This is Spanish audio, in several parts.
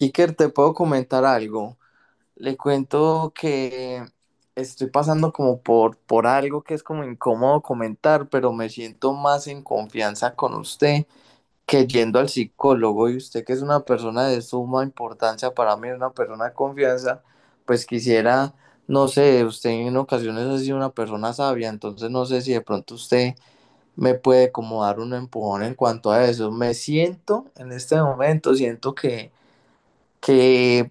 Iker, te puedo comentar algo. Le cuento que estoy pasando como por algo que es como incómodo comentar, pero me siento más en confianza con usted que yendo al psicólogo, y usted que es una persona de suma importancia para mí, una persona de confianza. Pues quisiera, no sé, usted en ocasiones ha sido una persona sabia, entonces no sé si de pronto usted me puede como dar un empujón en cuanto a eso. Me siento en este momento, siento que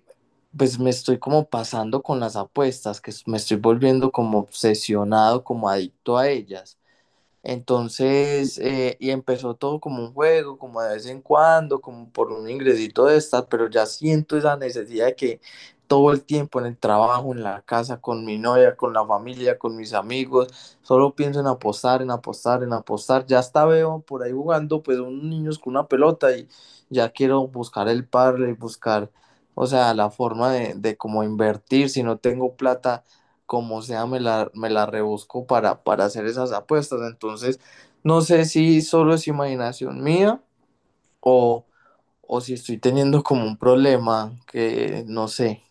pues me estoy como pasando con las apuestas, que me estoy volviendo como obsesionado, como adicto a ellas. Entonces, y empezó todo como un juego, como de vez en cuando, como por un ingresito de estas, pero ya siento esa necesidad de que todo el tiempo en el trabajo, en la casa, con mi novia, con la familia, con mis amigos, solo pienso en apostar, en apostar, en apostar. Ya hasta veo por ahí jugando, pues, unos niños con una pelota y ya quiero buscar el y buscar, o sea, la forma de como invertir. Si no tengo plata, como sea, me la rebusco para hacer esas apuestas. Entonces, no sé si solo es imaginación mía o, o si estoy teniendo como un problema que no sé.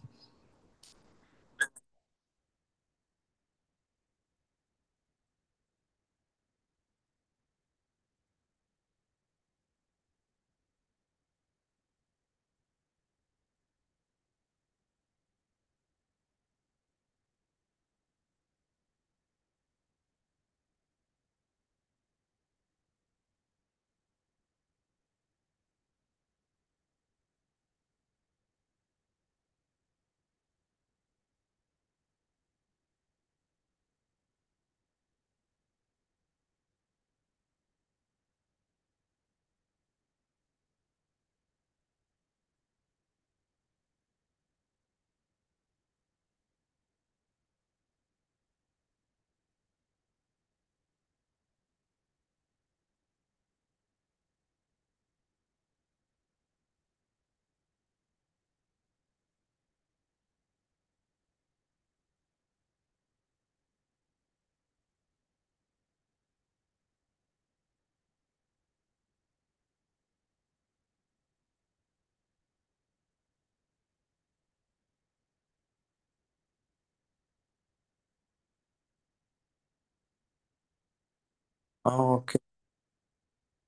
Ah, ok,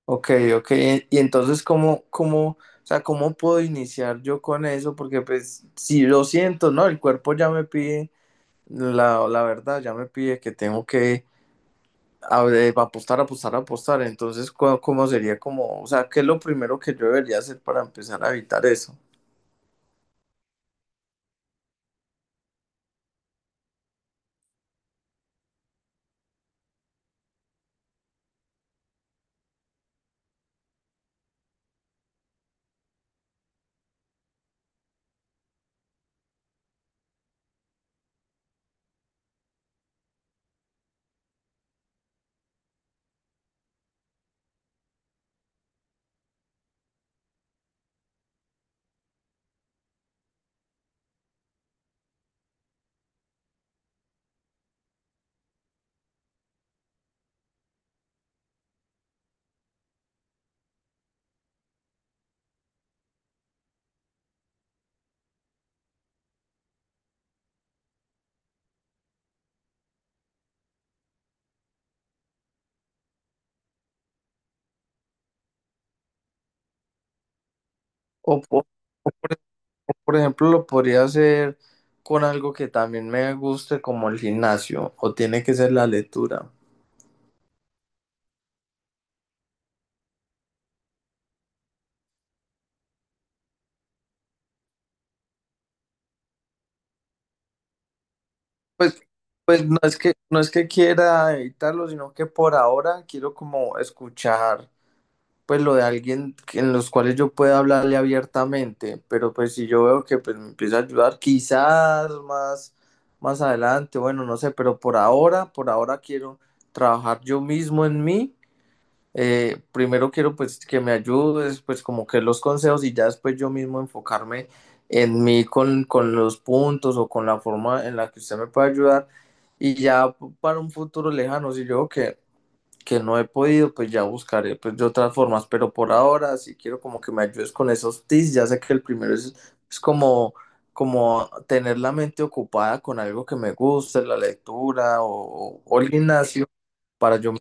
ok, ok. Y entonces, ¿cómo, o sea, cómo puedo iniciar yo con eso? Porque pues, si lo siento, ¿no? El cuerpo ya me pide, la verdad, ya me pide que tengo que. A ver, apostar, apostar, apostar. Entonces, ¿cómo, cómo sería como, o sea, qué es lo primero que yo debería hacer para empezar a evitar eso? O, por ejemplo, ¿lo podría hacer con algo que también me guste, como el gimnasio, o tiene que ser la lectura? Pues, pues no es que, no es que quiera evitarlo, sino que por ahora quiero como escuchar pues lo de alguien en los cuales yo pueda hablarle abiertamente, pero pues si yo veo que pues me empieza a ayudar, quizás más, más adelante, bueno, no sé. Pero por ahora quiero trabajar yo mismo en mí. Primero quiero pues que me ayudes, pues como que los consejos, y ya después yo mismo enfocarme en mí con los puntos o con la forma en la que usted me puede ayudar, y ya para un futuro lejano, si yo veo que no he podido, pues ya buscaré pues de otras formas. Pero por ahora sí quiero como que me ayudes con esos tips. Ya sé que el primero es como, como tener la mente ocupada con algo que me guste, la lectura o el gimnasio, para yo.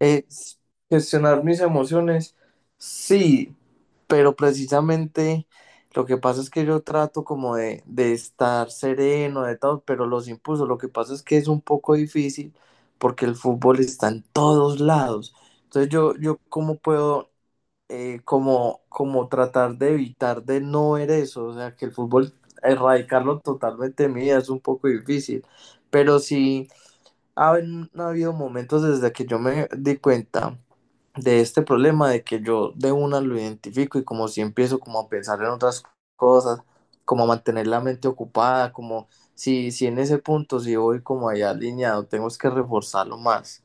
Eh, gestionar mis emociones, sí, pero precisamente lo que pasa es que yo trato como de estar sereno, de todo, pero los impulsos, lo que pasa es que es un poco difícil porque el fútbol está en todos lados. Entonces yo cómo puedo como, como tratar de evitar de no ver eso, o sea, que el fútbol, erradicarlo totalmente de mi vida es un poco difícil, pero sí ha, ha habido momentos desde que yo me di cuenta de este problema de que yo de una lo identifico, y como si empiezo como a pensar en otras cosas, como a mantener la mente ocupada, como si, si en ese punto si voy como allá alineado, tengo que reforzarlo más.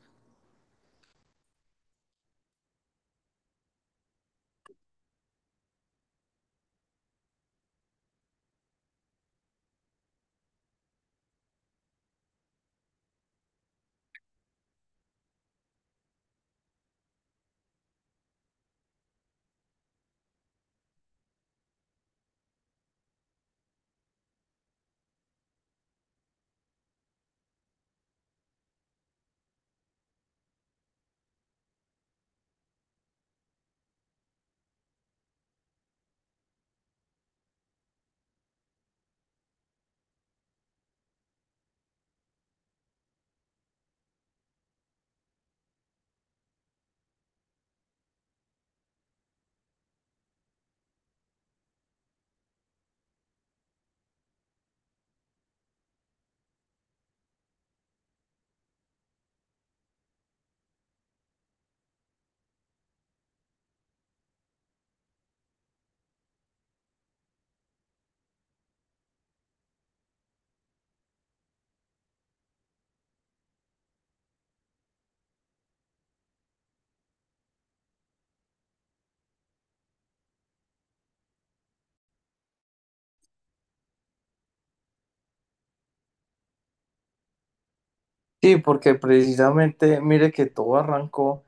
Sí, porque precisamente, mire que todo arrancó,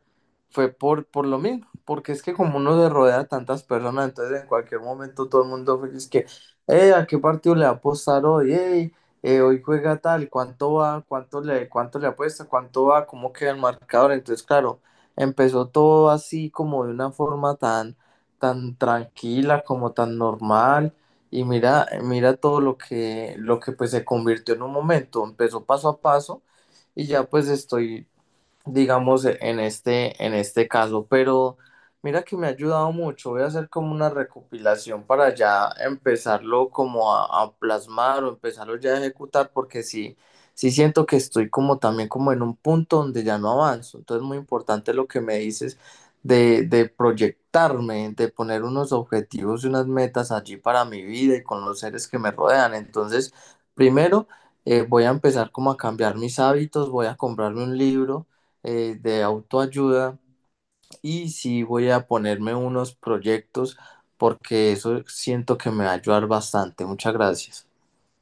fue por lo mismo, porque es que como uno se rodea de tantas personas, entonces en cualquier momento todo el mundo es que, ¿a qué partido le va a apostar hoy? Ey, hoy juega tal, ¿cuánto va? Cuánto le apuesta? ¿Cuánto va? ¿Cómo queda el marcador? Entonces, claro, empezó todo así como de una forma tan, tan tranquila, como tan normal. Y mira, mira todo lo que pues se convirtió en un momento, empezó paso a paso y ya pues estoy, digamos, en este caso, pero mira que me ha ayudado mucho. Voy a hacer como una recopilación para ya empezarlo como a plasmar o empezarlo ya a ejecutar, porque sí, sí siento que estoy como también como en un punto donde ya no avanzo. Entonces es muy importante lo que me dices de proyectarme, de poner unos objetivos y unas metas allí para mi vida y con los seres que me rodean. Entonces, primero, voy a empezar como a cambiar mis hábitos, voy a comprarme un libro de autoayuda y sí voy a ponerme unos proyectos porque eso siento que me va a ayudar bastante. Muchas gracias.